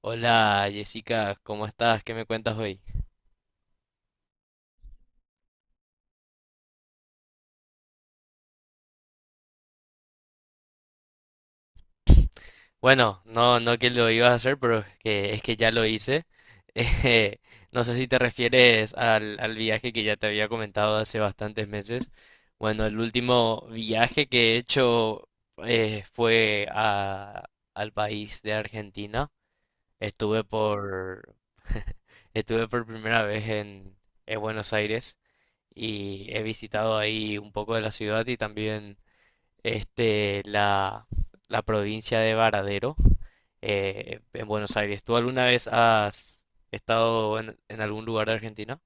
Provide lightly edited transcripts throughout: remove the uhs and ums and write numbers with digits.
Hola Jessica, ¿cómo estás? ¿Qué me cuentas hoy? Bueno, no, no que lo ibas a hacer, pero que es que ya lo hice. Eh, no sé si te refieres al viaje que ya te había comentado hace bastantes meses. Bueno, el último viaje que he hecho fue al país de Argentina. Estuve por, Estuve por primera vez en Buenos Aires y he visitado ahí un poco de la ciudad y también este, la, la provincia de Varadero, en Buenos Aires. ¿Tú alguna vez has estado en algún lugar de Argentina?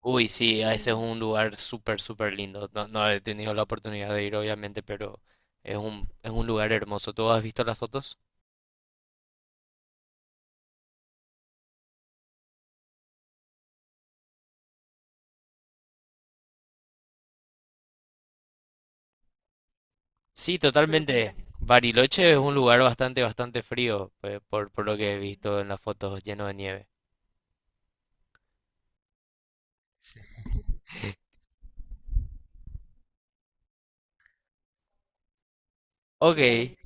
Uy, sí, ese es un lugar súper, súper lindo. No, no he tenido la oportunidad de ir, obviamente, pero es un lugar hermoso. ¿Tú has visto las fotos? Sí, totalmente. Bariloche es un lugar bastante, bastante frío, por lo que he visto en las fotos, lleno de nieve. Sí. Ok,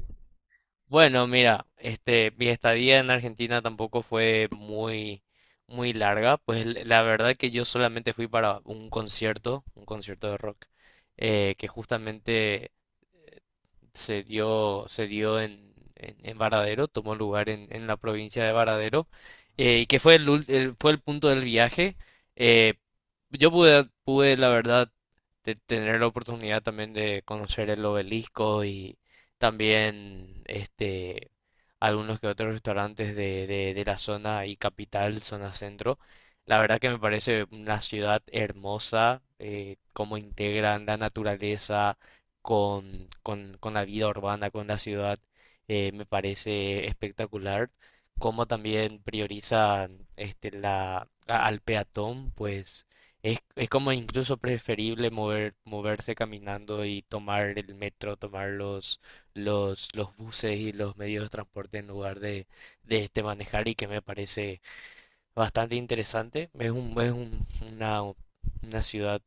bueno, mira, mi estadía en Argentina tampoco fue muy, muy larga, pues la verdad que yo solamente fui para un concierto de rock, que justamente se dio en Varadero, tomó lugar en la provincia de Varadero, y que fue fue el punto del viaje. Eh, yo pude, la verdad, tener la oportunidad también de conocer el obelisco y también algunos que otros restaurantes de la zona y capital, zona centro. La verdad que me parece una ciudad hermosa, cómo integran la naturaleza, con la vida urbana, con la ciudad, me parece espectacular. Como también prioriza al peatón, pues es como incluso preferible moverse caminando y tomar el metro, tomar los buses y los medios de transporte en lugar de manejar y que me parece bastante interesante. Es una ciudad,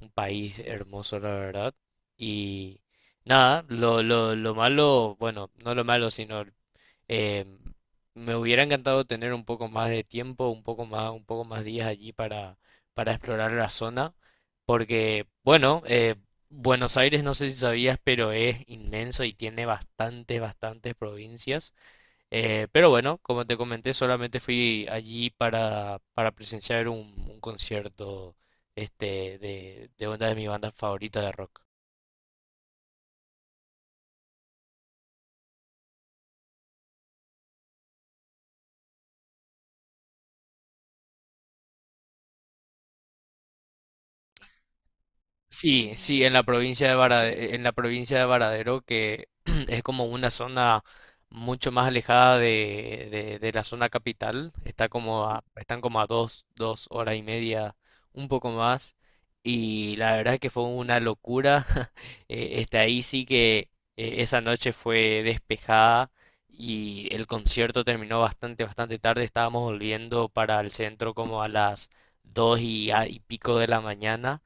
un país hermoso, la verdad. Y nada, lo malo, bueno, no lo malo, sino eh, me hubiera encantado tener un poco más de tiempo, un poco más días allí para explorar la zona, porque, bueno, Buenos Aires, no sé si sabías, pero es inmenso y tiene bastantes, bastantes provincias. Pero bueno, como te comenté, solamente fui allí para presenciar un concierto de una de mis bandas favoritas de rock. Sí, sí, en la provincia de en la provincia de Varadero, que es como una zona mucho más alejada de la zona capital, están como a dos horas y media, un poco más, y la verdad que fue una locura. Ahí sí que esa noche fue despejada y el concierto terminó bastante, bastante tarde, estábamos volviendo para el centro como a las dos y pico de la mañana.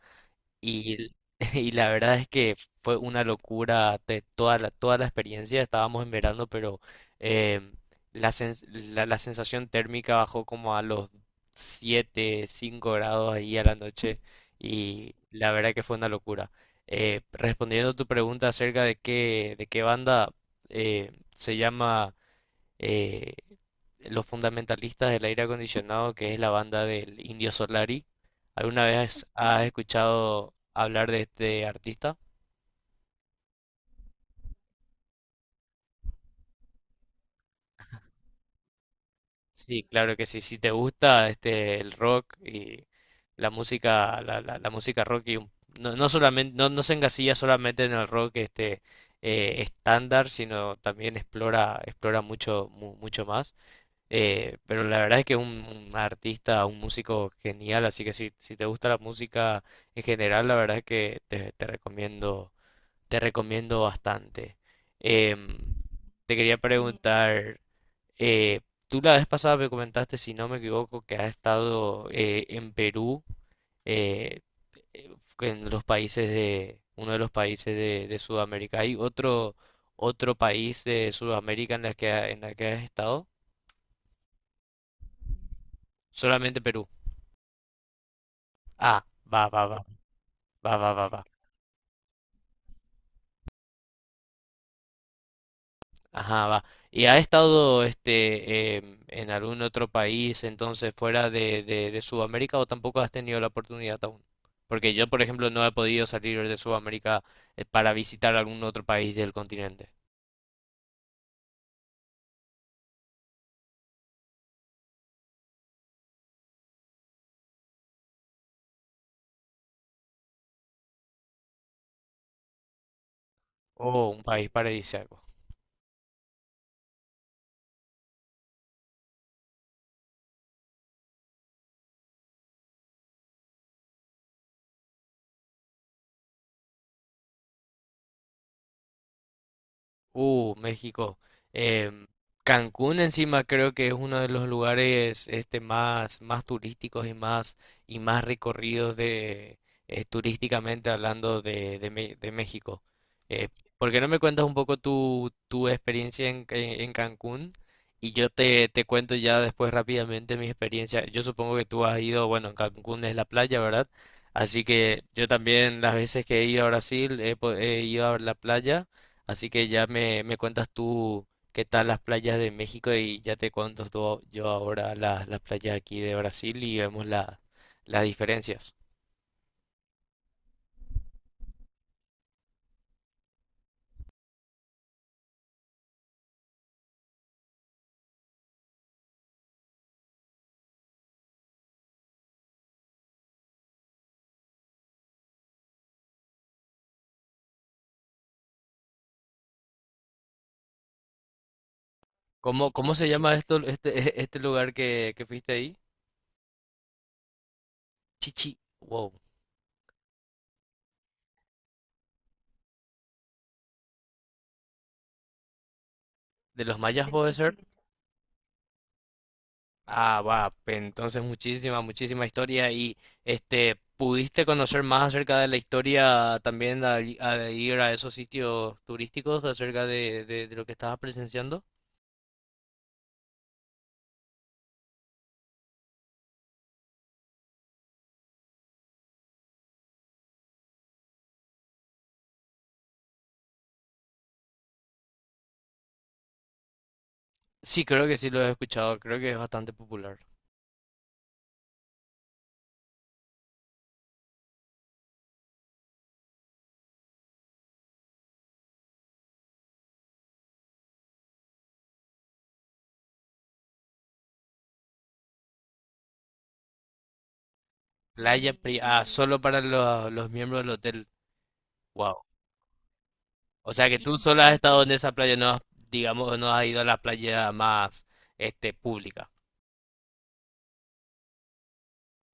Y, y la verdad es que fue una locura de toda toda la experiencia. Estábamos en verano, pero em, la sensación térmica bajó como a los 7 5 grados ahí a la noche. Y la verdad que fue una locura. Respondiendo a tu pregunta acerca de qué banda se llama eh, Los Fundamentalistas del Aire Acondicionado, que es la banda del Indio Solari. ¿Alguna vez has escuchado hablar de este artista? Sí, claro que sí. Si te gusta el rock y la música, la música rock y no solamente, no se engasilla solamente en el rock estándar, sino también explora mucho más. Pero la verdad es que es un artista, un músico genial, así que si te gusta la música en general, la verdad es que te recomiendo bastante. Em, te quería preguntar, eh, tú la vez pasada me comentaste, si no me equivoco, que has estado en Perú, eh, eh, en uno de los países de Sudamérica. ¿Hay otro país de Sudamérica en la que has estado? Solamente Perú. Ah, va, va, va, va, va, va, va. Ajá, va. ¿Y ha estado en algún otro país entonces fuera de Sudamérica o tampoco has tenido la oportunidad aún? Porque yo, por ejemplo, no he podido salir de Sudamérica para visitar algún otro país del continente o un país paradisíaco. México. Em, Cancún encima creo que es uno de los lugares más, más turísticos y más recorridos turísticamente hablando de México. Eh, ¿Por qué no me cuentas un poco tu experiencia en Cancún? Y yo te cuento ya después rápidamente mi experiencia. Yo supongo que tú has ido, bueno, en Cancún es la playa, ¿verdad? Así que yo también las veces que he ido a Brasil he ido a la playa. Así que ya me cuentas tú qué tal las playas de México y ya te cuento yo ahora las playas aquí de Brasil y vemos las diferencias. ¿Cómo se llama esto, este lugar que fuiste ahí? Chichi, wow. ¿De los mayas de puede ser? Chichén. Ah, va, entonces muchísima, muchísima historia y ¿pudiste conocer más acerca de la historia también al ir a esos sitios turísticos acerca de lo que estabas presenciando? Sí, creo que sí lo he escuchado, creo que es bastante popular. Ah, solo para los miembros del hotel. Wow. O sea que tú solo has estado en esa playa, no has, digamos, no has ido a la playa más, pública.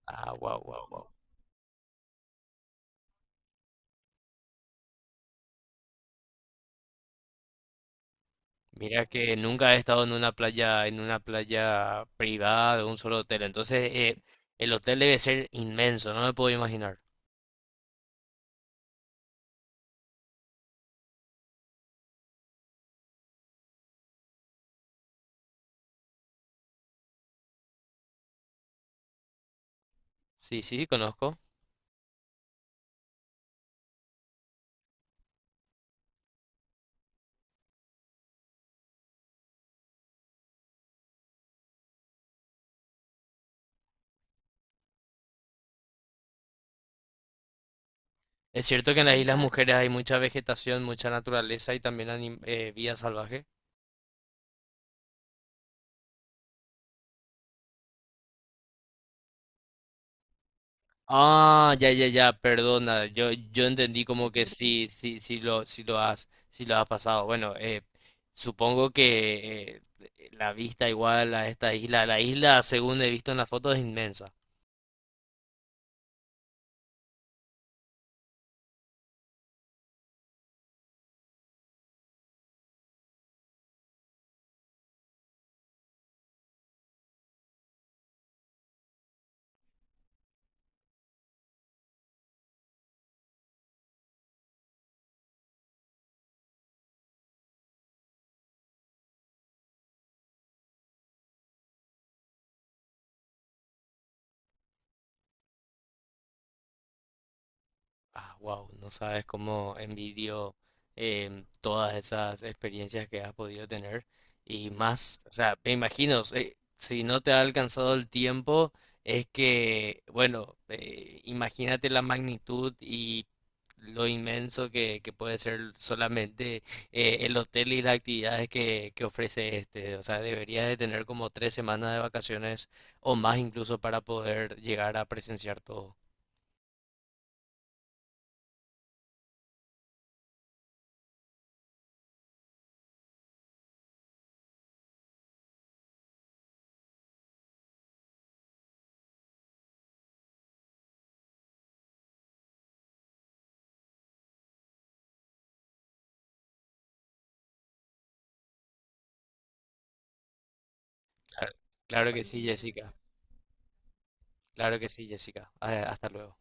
Ah, wow, wow, wow. Mira que nunca he estado en una playa privada de un solo hotel. Entonces, el hotel debe ser inmenso, no me puedo imaginar. Sí, sí, sí, conozco. Es cierto que en las Islas Mujeres hay mucha vegetación, mucha naturaleza y también vida salvaje. Ah, ya, ya, ya, perdona. Yo entendí como que sí, sí, sí lo has pasado. Bueno, supongo que la vista igual a esta isla, la isla, según he visto en la foto, es inmensa. Ah, wow, no sabes cómo envidio todas esas experiencias que has podido tener y más, o sea, me imagino, si no te ha alcanzado el tiempo, es que, bueno, imagínate la magnitud y lo inmenso que puede ser solamente el hotel y las actividades que ofrece o sea, deberías de tener como 3 semanas de vacaciones o más incluso para poder llegar a presenciar todo. Claro, claro que sí, Jessica. Claro que sí, Jessica. Ah, hasta luego.